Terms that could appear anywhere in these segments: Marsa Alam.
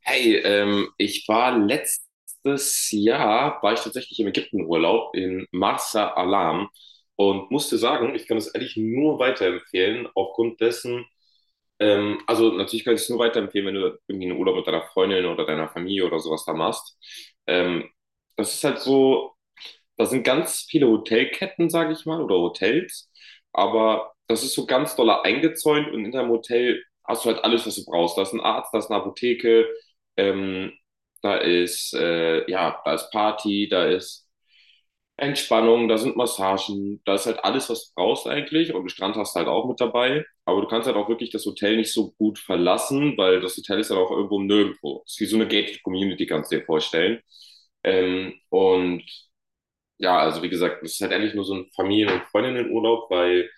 Hey, ich war letztes Jahr, war ich tatsächlich im Ägyptenurlaub in Marsa Alam und musste sagen, ich kann es eigentlich nur weiterempfehlen, aufgrund dessen, also natürlich kann ich es nur weiterempfehlen, wenn du irgendwie einen Urlaub mit deiner Freundin oder deiner Familie oder sowas da machst. Ähm, Das ist halt so. Da sind ganz viele Hotelketten, sage ich mal, oder Hotels, aber das ist so ganz doll eingezäunt und in deinem Hotel hast du halt alles, was du brauchst. Da ist ein Arzt, da ist eine Apotheke, ähm, da ist, ja, da ist Party, da ist Entspannung, da sind Massagen, da ist halt alles, was du brauchst eigentlich und einen Strand hast du halt auch mit dabei. Aber du kannst halt auch wirklich das Hotel nicht so gut verlassen, weil das Hotel ist halt auch irgendwo nirgendwo. Es ist wie so eine Gated Community, kannst du dir vorstellen. Ähm, und ja, also wie gesagt, es ist halt eigentlich nur so ein Familien- und Freundinnenurlaub, weil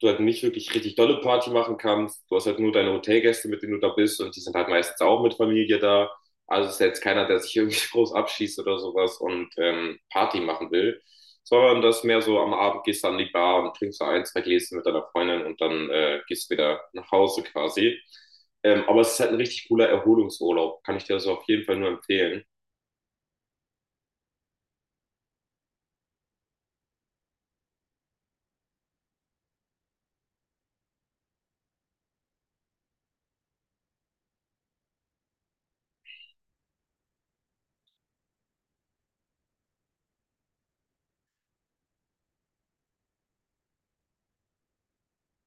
du halt nicht wirklich richtig dolle Party machen kannst. Du hast halt nur deine Hotelgäste, mit denen du da bist und die sind halt meistens auch mit Familie da. Also es ist ja jetzt keiner, der sich irgendwie groß abschießt oder sowas und Party machen will, sondern das mehr so am Abend gehst du an die Bar und trinkst so ein, zwei Gläschen mit deiner Freundin und dann gehst du wieder nach Hause quasi. Aber es ist halt ein richtig cooler Erholungsurlaub, kann ich dir so also auf jeden Fall nur empfehlen.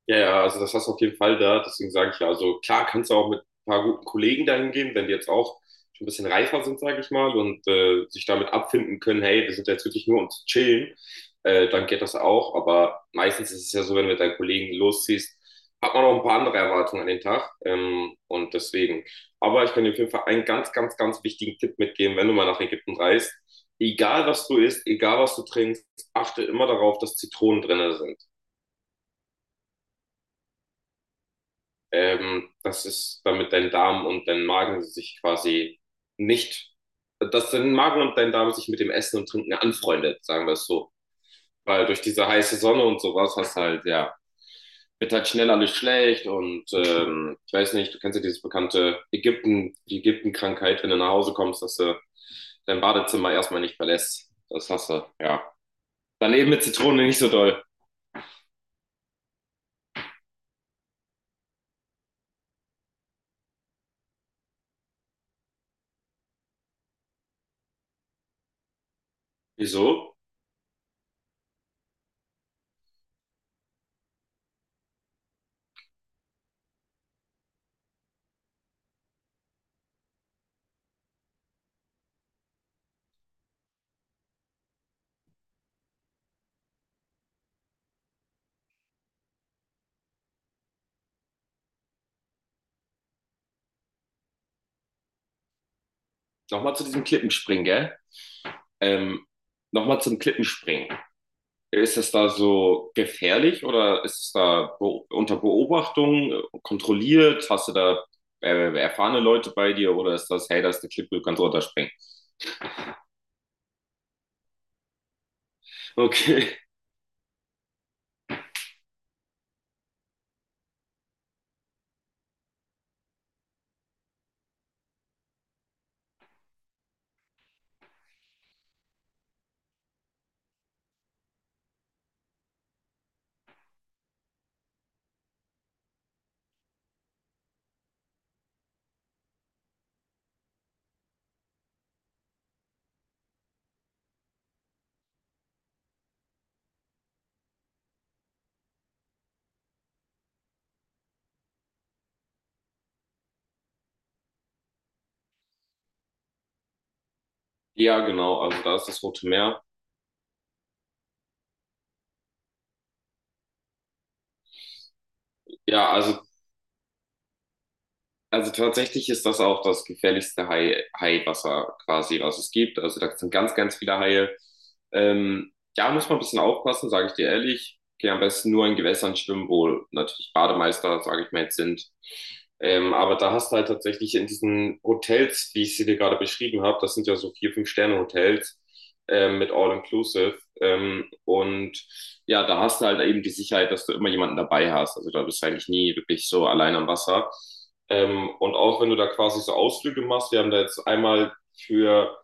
Ja, ja, also das hast du auf jeden Fall da. Deswegen sage ich ja, also klar kannst du auch mit ein paar guten Kollegen dahin gehen, wenn die jetzt auch schon ein bisschen reifer sind, sage ich mal, und sich damit abfinden können, hey, wir sind jetzt wirklich nur um zu chillen, dann geht das auch. Aber meistens ist es ja so, wenn du mit deinen Kollegen losziehst, hat man auch ein paar andere Erwartungen an den Tag. Und deswegen. Aber ich kann dir auf jeden Fall einen ganz, ganz, ganz wichtigen Tipp mitgeben, wenn du mal nach Ägypten reist. Egal was du isst, egal was du trinkst, achte immer darauf, dass Zitronen drin sind. Das ist, damit dein Darm und dein Magen sich quasi nicht, dass dein Magen und dein Darm sich mit dem Essen und Trinken anfreundet, sagen wir es so. Weil durch diese heiße Sonne und sowas hast halt, ja, wird halt schnell alles schlecht und ich weiß nicht, du kennst ja dieses bekannte Ägypten, die ägypten wenn du nach Hause kommst, dass du dein Badezimmer erstmal nicht verlässt. Das hast du, ja. Dann eben mit Zitrone nicht so doll. Wieso? Nochmal zu diesem Klippenspringen, gell? Ähm, Nochmal zum Klippenspringen. Ist es da so gefährlich oder ist es da be unter Beobachtung kontrolliert? Hast du da erfahrene Leute bei dir oder ist das, hey, da ist eine Klippe, du kannst runterspringen? Okay. Ja, genau, also da ist das Rote Meer. Ja, also tatsächlich ist das auch das gefährlichste Haiwasser quasi, was es gibt. Also da sind ganz, ganz viele Haie. Ähm, ja, muss man ein bisschen aufpassen, sage ich dir ehrlich. Geh am besten nur in Gewässern schwimmen, wo natürlich Bademeister, sage ich mal, jetzt sind. Aber da hast du halt tatsächlich in diesen Hotels, wie ich sie dir gerade beschrieben habe, das sind ja so vier, fünf Sterne Hotels, mit All Inclusive. Ja, da hast du halt eben die Sicherheit, dass du immer jemanden dabei hast. Also da bist du eigentlich nie wirklich so allein am Wasser. Und auch wenn du da quasi so Ausflüge machst, wir haben da jetzt einmal für,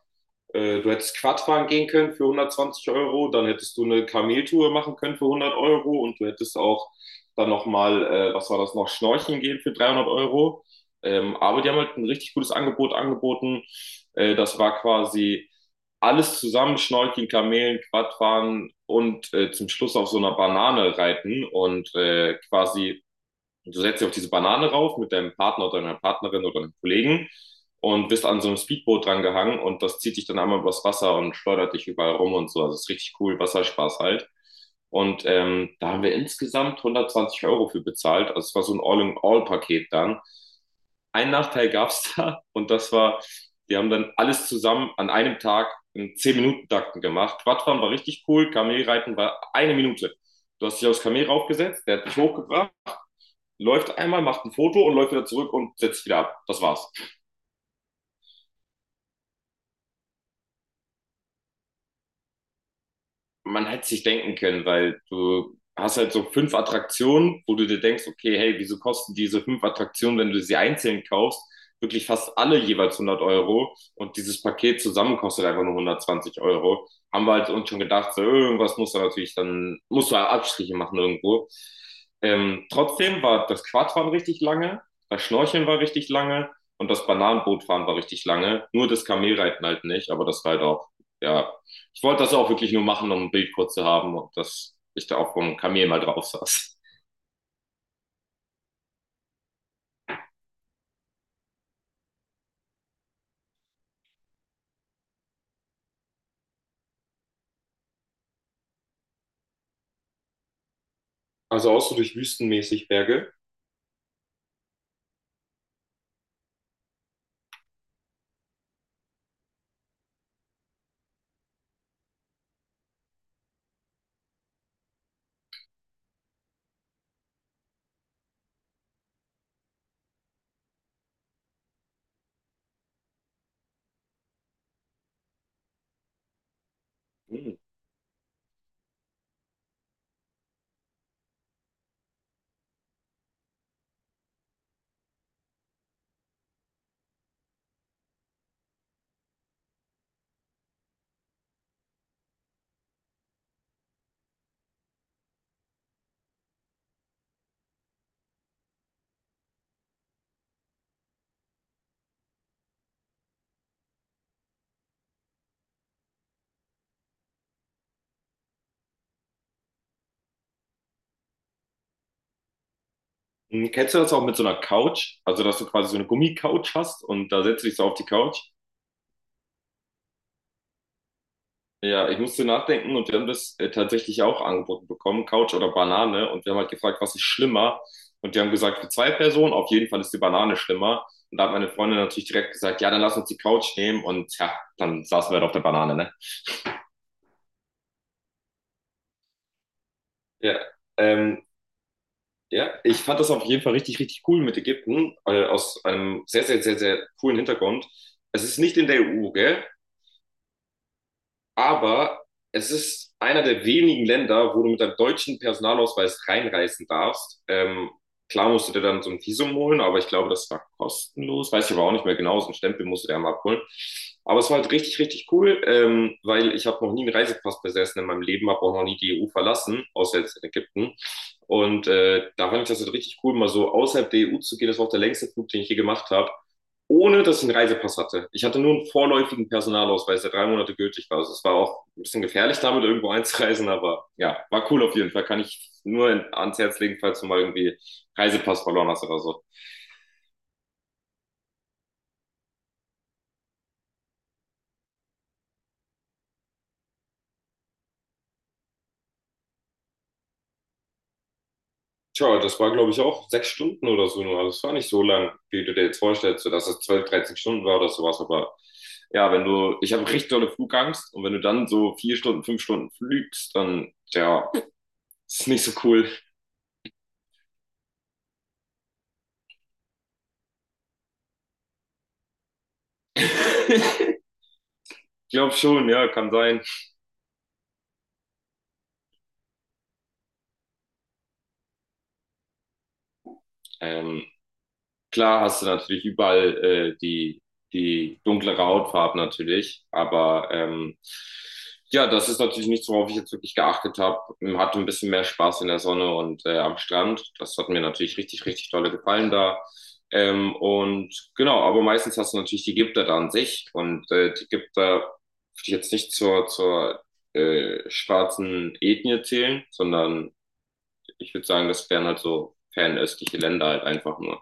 du hättest Quad fahren gehen können für 120 Euro, dann hättest du eine Kameltour machen können für 100 Euro und du hättest auch dann nochmal, was war das noch, Schnorcheln gehen für 300 Euro. Aber die haben halt ein richtig gutes Angebot angeboten. Das war quasi alles zusammen, Schnorcheln, Kamelen, Quadfahren und zum Schluss auf so einer Banane reiten und quasi. Du setzt dich auf diese Banane rauf mit deinem Partner oder deiner Partnerin oder deinem Kollegen und bist an so einem Speedboot dran gehangen und das zieht dich dann einmal übers Wasser und schleudert dich überall rum und so. Also es ist richtig cool, Wasserspaß halt. Und da haben wir insgesamt 120 Euro für bezahlt. Also es war so ein All-in-All-Paket dann. Ein Nachteil gab es da und das war, die haben dann alles zusammen an einem Tag in 10 Minuten takten gemacht. Quadfahren war richtig cool, Kamelreiten war eine Minute. Du hast dich aufs Kamel raufgesetzt, der hat dich hochgebracht, läuft einmal, macht ein Foto und läuft wieder zurück und setzt sich wieder ab. Das war's. Man hätte sich denken können, weil du hast halt so fünf Attraktionen, wo du dir denkst, okay, hey, wieso kosten diese fünf Attraktionen, wenn du sie einzeln kaufst, wirklich fast alle jeweils 100 Euro und dieses Paket zusammen kostet einfach nur 120 Euro. Haben wir halt uns schon gedacht, so, irgendwas muss da natürlich dann, musst du halt Abstriche machen irgendwo. Trotzdem war das Quadfahren richtig lange, das Schnorcheln war richtig lange und das Bananenbootfahren war richtig lange. Nur das Kamelreiten halt nicht, aber das war halt auch, ja, ich wollte das auch wirklich nur machen, um ein Bild kurz zu haben und dass ich da auch einem Kamel mal drauf saß. Also auch so durch wüstenmäßig Berge. Mhm. Kennst du das auch mit so einer Couch? Also, dass du quasi so eine Gummicouch hast und da setzt du dich so auf die Couch. Ja, ich musste nachdenken und wir haben das tatsächlich auch angeboten bekommen, Couch oder Banane. Und wir haben halt gefragt, was ist schlimmer? Und die haben gesagt, für zwei Personen, auf jeden Fall ist die Banane schlimmer. Und da hat meine Freundin natürlich direkt gesagt, ja, dann lass uns die Couch nehmen. Und ja, dann saßen wir halt auf der Banane, ne? Ja, ähm, Ja, ich fand das auf jeden Fall richtig, richtig cool mit Ägypten, aus einem sehr, sehr, sehr, sehr coolen Hintergrund. Es ist nicht in der EU, gell? Aber es ist einer der wenigen Länder, wo du mit deinem deutschen Personalausweis reinreisen darfst. Klar musst du dir dann so ein Visum holen, aber ich glaube, das war kostenlos. Weiß ich aber auch nicht mehr genau. So einen Stempel musst du dir einmal abholen. Aber es war halt richtig, richtig cool, weil ich habe noch nie einen Reisepass besessen in meinem Leben, habe auch noch nie die EU verlassen, außer jetzt in Ägypten. Und da fand ich das halt richtig cool, mal so außerhalb der EU zu gehen. Das war auch der längste Flug, den ich je gemacht habe ohne dass ich einen Reisepass hatte. Ich hatte nur einen vorläufigen Personalausweis, der 3 Monate gültig war. Also es war auch ein bisschen gefährlich, damit irgendwo einzureisen, aber ja, war cool auf jeden Fall. Kann ich nur ans Herz legen, falls du mal irgendwie Reisepass verloren hast oder so. Tja, das war, glaube ich, auch 6 Stunden oder so nur. Also es war nicht so lang, wie du dir jetzt vorstellst, so dass es 12, 13 Stunden war oder sowas. Aber ja, wenn du, ich habe richtig dolle Flugangst und wenn du dann so 4 Stunden, 5 Stunden fliegst, dann, ja, ist nicht so cool. Ich glaube schon, ja, kann sein. Ähm, Klar hast du natürlich überall die dunklere Hautfarbe natürlich, aber ja, das ist natürlich nichts, worauf ich jetzt wirklich geachtet habe. Hatte ein bisschen mehr Spaß in der Sonne und am Strand. Das hat mir natürlich richtig, richtig tolle gefallen da. Und genau, aber meistens hast du natürlich die Gipter da an sich und die Gipter würde ich jetzt nicht zur schwarzen Ethnie zählen, sondern ich würde sagen, das wären halt so fernöstliche Länder halt einfach nur.